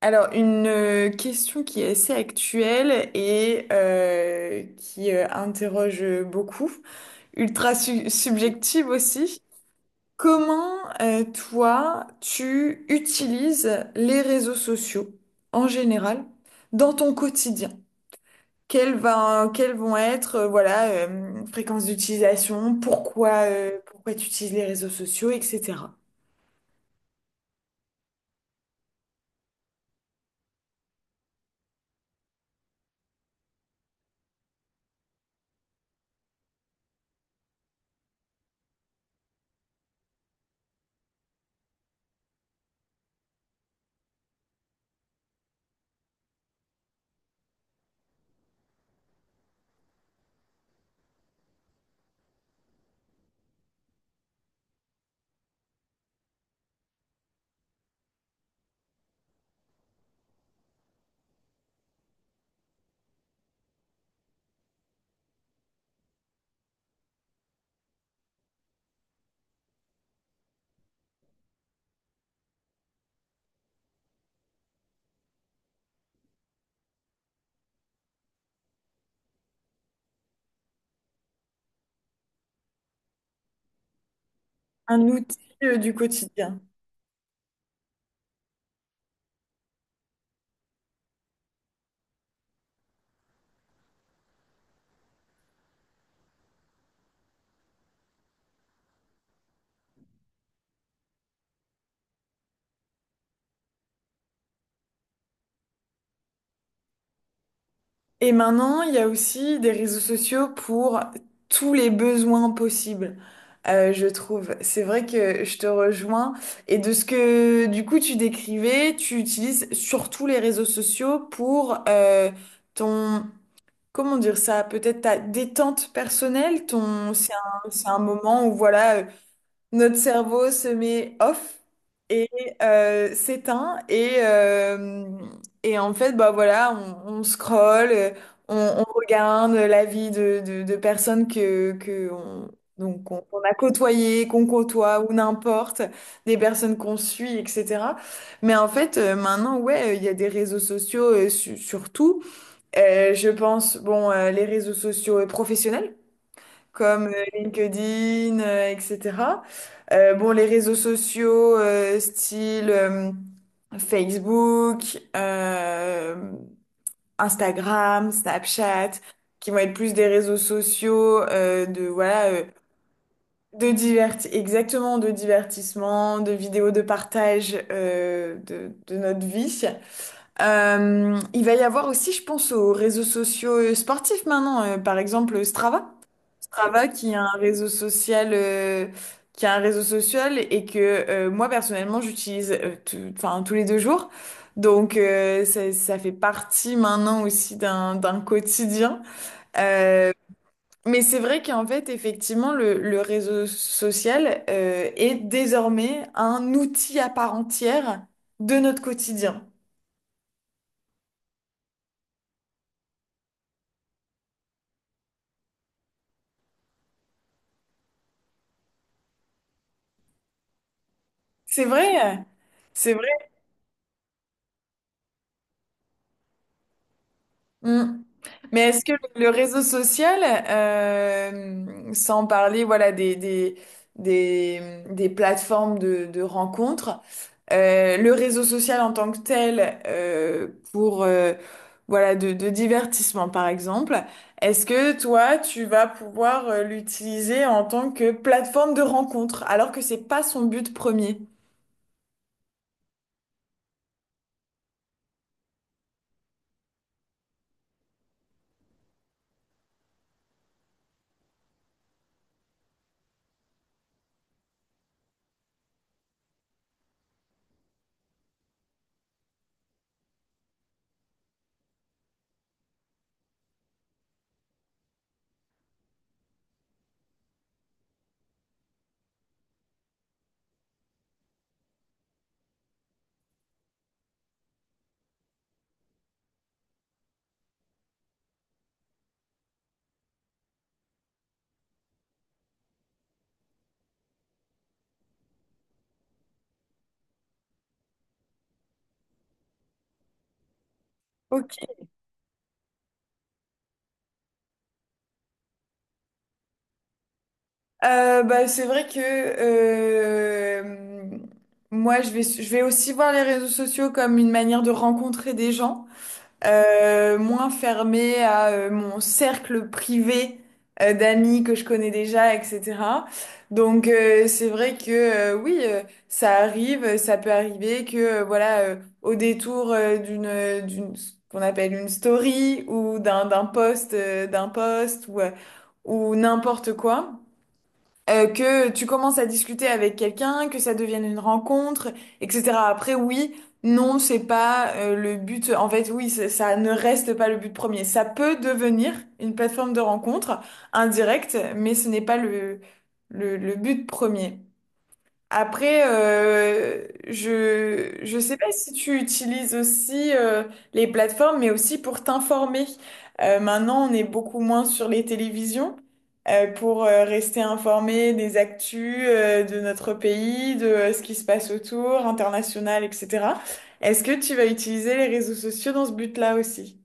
Alors, une question qui est assez actuelle et qui interroge beaucoup, ultra subjective aussi. Comment, toi, tu utilises les réseaux sociaux en général dans ton quotidien? Quelles vont être, voilà, fréquences d'utilisation, pourquoi, pourquoi tu utilises les réseaux sociaux, etc. Un outil, du quotidien. Et maintenant, il y a aussi des réseaux sociaux pour tous les besoins possibles, je trouve. C'est vrai que je te rejoins. Et de ce que du coup tu décrivais, tu utilises surtout les réseaux sociaux pour ton, comment dire ça, peut-être ta détente personnelle, ton, c'est un moment où voilà, notre cerveau se met off et s'éteint et en fait bah voilà on scrolle, on regarde la vie de personnes que on, donc qu'on a côtoyées, qu'on côtoie ou n'importe, des personnes qu'on suit, etc. Mais en fait maintenant ouais il y a des réseaux sociaux surtout. Je pense bon les réseaux sociaux professionnels comme LinkedIn, etc. Bon, les réseaux sociaux, style Facebook, Instagram, Snapchat, qui vont être plus des réseaux sociaux de voilà de diverti exactement de divertissement, de vidéos de partage de notre vie. Il va y avoir aussi, je pense, aux réseaux sociaux sportifs maintenant, par exemple Strava. Strava qui a un réseau social et que moi personnellement j'utilise enfin tous les 2 jours donc ça fait partie maintenant aussi d'un quotidien. Euh, mais c'est vrai qu'en fait effectivement le réseau social est désormais un outil à part entière de notre quotidien. C'est vrai, c'est vrai. Mm. Mais est-ce que le réseau social, sans parler voilà des plateformes de rencontres, le réseau social en tant que tel, pour voilà de divertissement par exemple, est-ce que toi tu vas pouvoir l'utiliser en tant que plateforme de rencontre alors que c'est pas son but premier? Ok. Bah, c'est vrai que moi, je vais aussi voir les réseaux sociaux comme une manière de rencontrer des gens, moins fermée à mon cercle privé d'amis que je connais déjà, etc. Donc, c'est vrai que oui, ça arrive, ça peut arriver que voilà, au détour d'une, ce qu'on appelle une story ou d'un post, ou n'importe quoi que tu commences à discuter avec quelqu'un, que ça devienne une rencontre, etc. Après, oui, non, c'est pas le but. En fait, oui, ça ne reste pas le but premier. Ça peut devenir une plateforme de rencontre indirecte, mais ce n'est pas le but premier. Après, je sais pas si tu utilises aussi les plateformes, mais aussi pour t'informer. Maintenant, on est beaucoup moins sur les télévisions pour rester informé des actus de notre pays, de ce qui se passe autour, international, etc. Est-ce que tu vas utiliser les réseaux sociaux dans ce but-là aussi?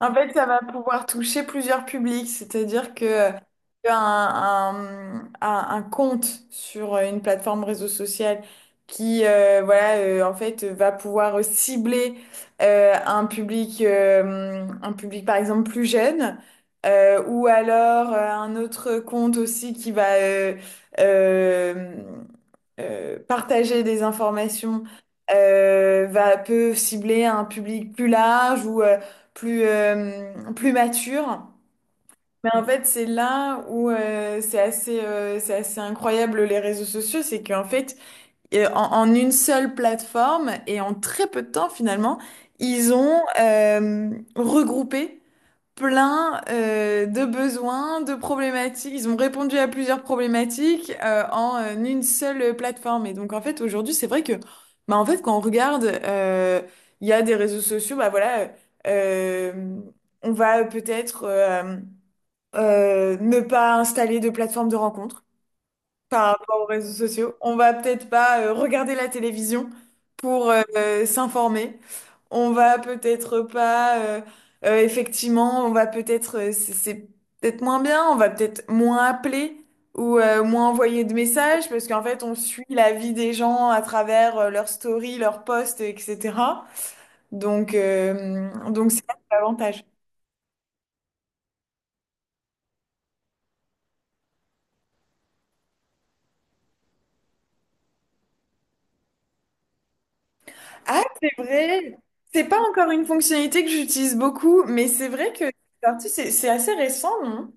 En fait, ça va pouvoir toucher plusieurs publics, c'est-à-dire que un compte sur une plateforme réseau social qui voilà en fait va pouvoir cibler un public par exemple plus jeune ou alors un autre compte aussi qui va euh, partager des informations peut cibler un public plus large ou plus mature. Mais en fait, c'est là où c'est assez incroyable les réseaux sociaux, c'est qu'en fait, en une seule plateforme et en très peu de temps finalement, ils ont regroupé plein de besoins, de problématiques. Ils ont répondu à plusieurs problématiques en une seule plateforme. Et donc en fait aujourd'hui c'est vrai que bah en fait quand on regarde il y a des réseaux sociaux bah voilà euh, on va peut-être ne pas installer de plateforme de rencontre par rapport aux réseaux sociaux. On va peut-être pas regarder la télévision pour s'informer. On va peut-être pas, effectivement, on va peut-être, c'est peut-être moins bien, on va peut-être moins appeler ou moins envoyer de messages parce qu'en fait, on suit la vie des gens à travers leurs stories, leurs posts, etc. Donc c'est ça l'avantage. Ah, c'est vrai. C'est pas encore une fonctionnalité que j'utilise beaucoup, mais c'est vrai que c'est sorti, c'est assez récent, non?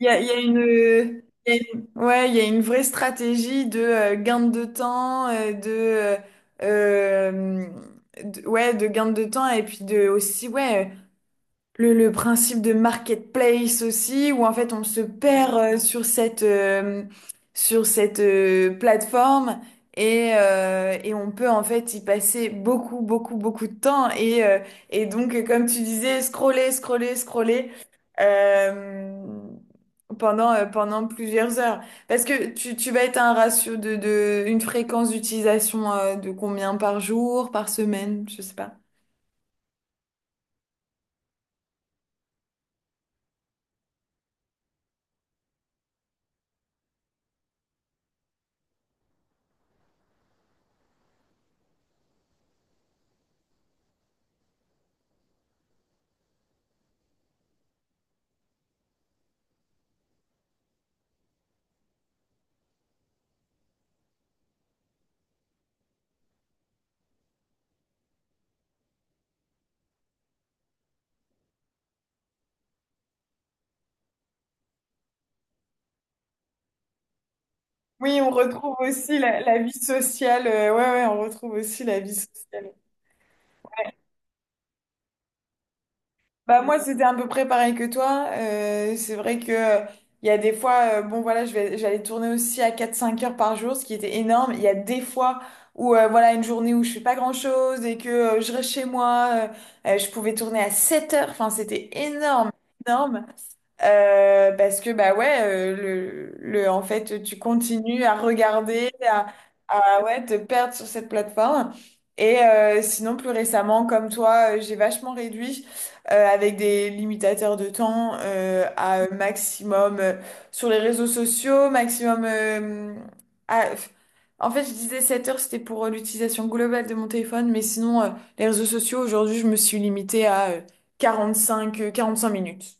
Il y a une- ouais, il y a une vraie stratégie de gain de temps, euh, ouais, de gain de temps et puis de aussi, ouais. Le principe de marketplace aussi, où en fait on se perd sur cette plateforme et on peut en fait y passer beaucoup, beaucoup, beaucoup de temps. Et donc, comme tu disais, scroller, scroller, scroller euh, pendant plusieurs heures. Parce que tu vas être à un ratio de une fréquence d'utilisation de combien par jour, par semaine, je sais pas. Oui, on retrouve aussi la vie sociale. Ouais, ouais, on retrouve aussi la vie sociale. Bah moi, c'était à peu près pareil que toi. C'est vrai que il y a des fois, bon voilà, j'allais tourner aussi à 4 5 heures par jour, ce qui était énorme. Il y a des fois où voilà, une journée où je fais pas grand-chose et que je reste chez moi, je pouvais tourner à 7 heures. Enfin, c'était énorme, énorme. Parce que bah ouais le en fait tu continues à regarder ouais te perdre sur cette plateforme et sinon plus récemment comme toi j'ai vachement réduit avec des limitateurs de temps à maximum sur les réseaux sociaux maximum à- en fait je disais 7 heures c'était pour l'utilisation globale de mon téléphone mais sinon les réseaux sociaux aujourd'hui je me suis limitée à 5 minutes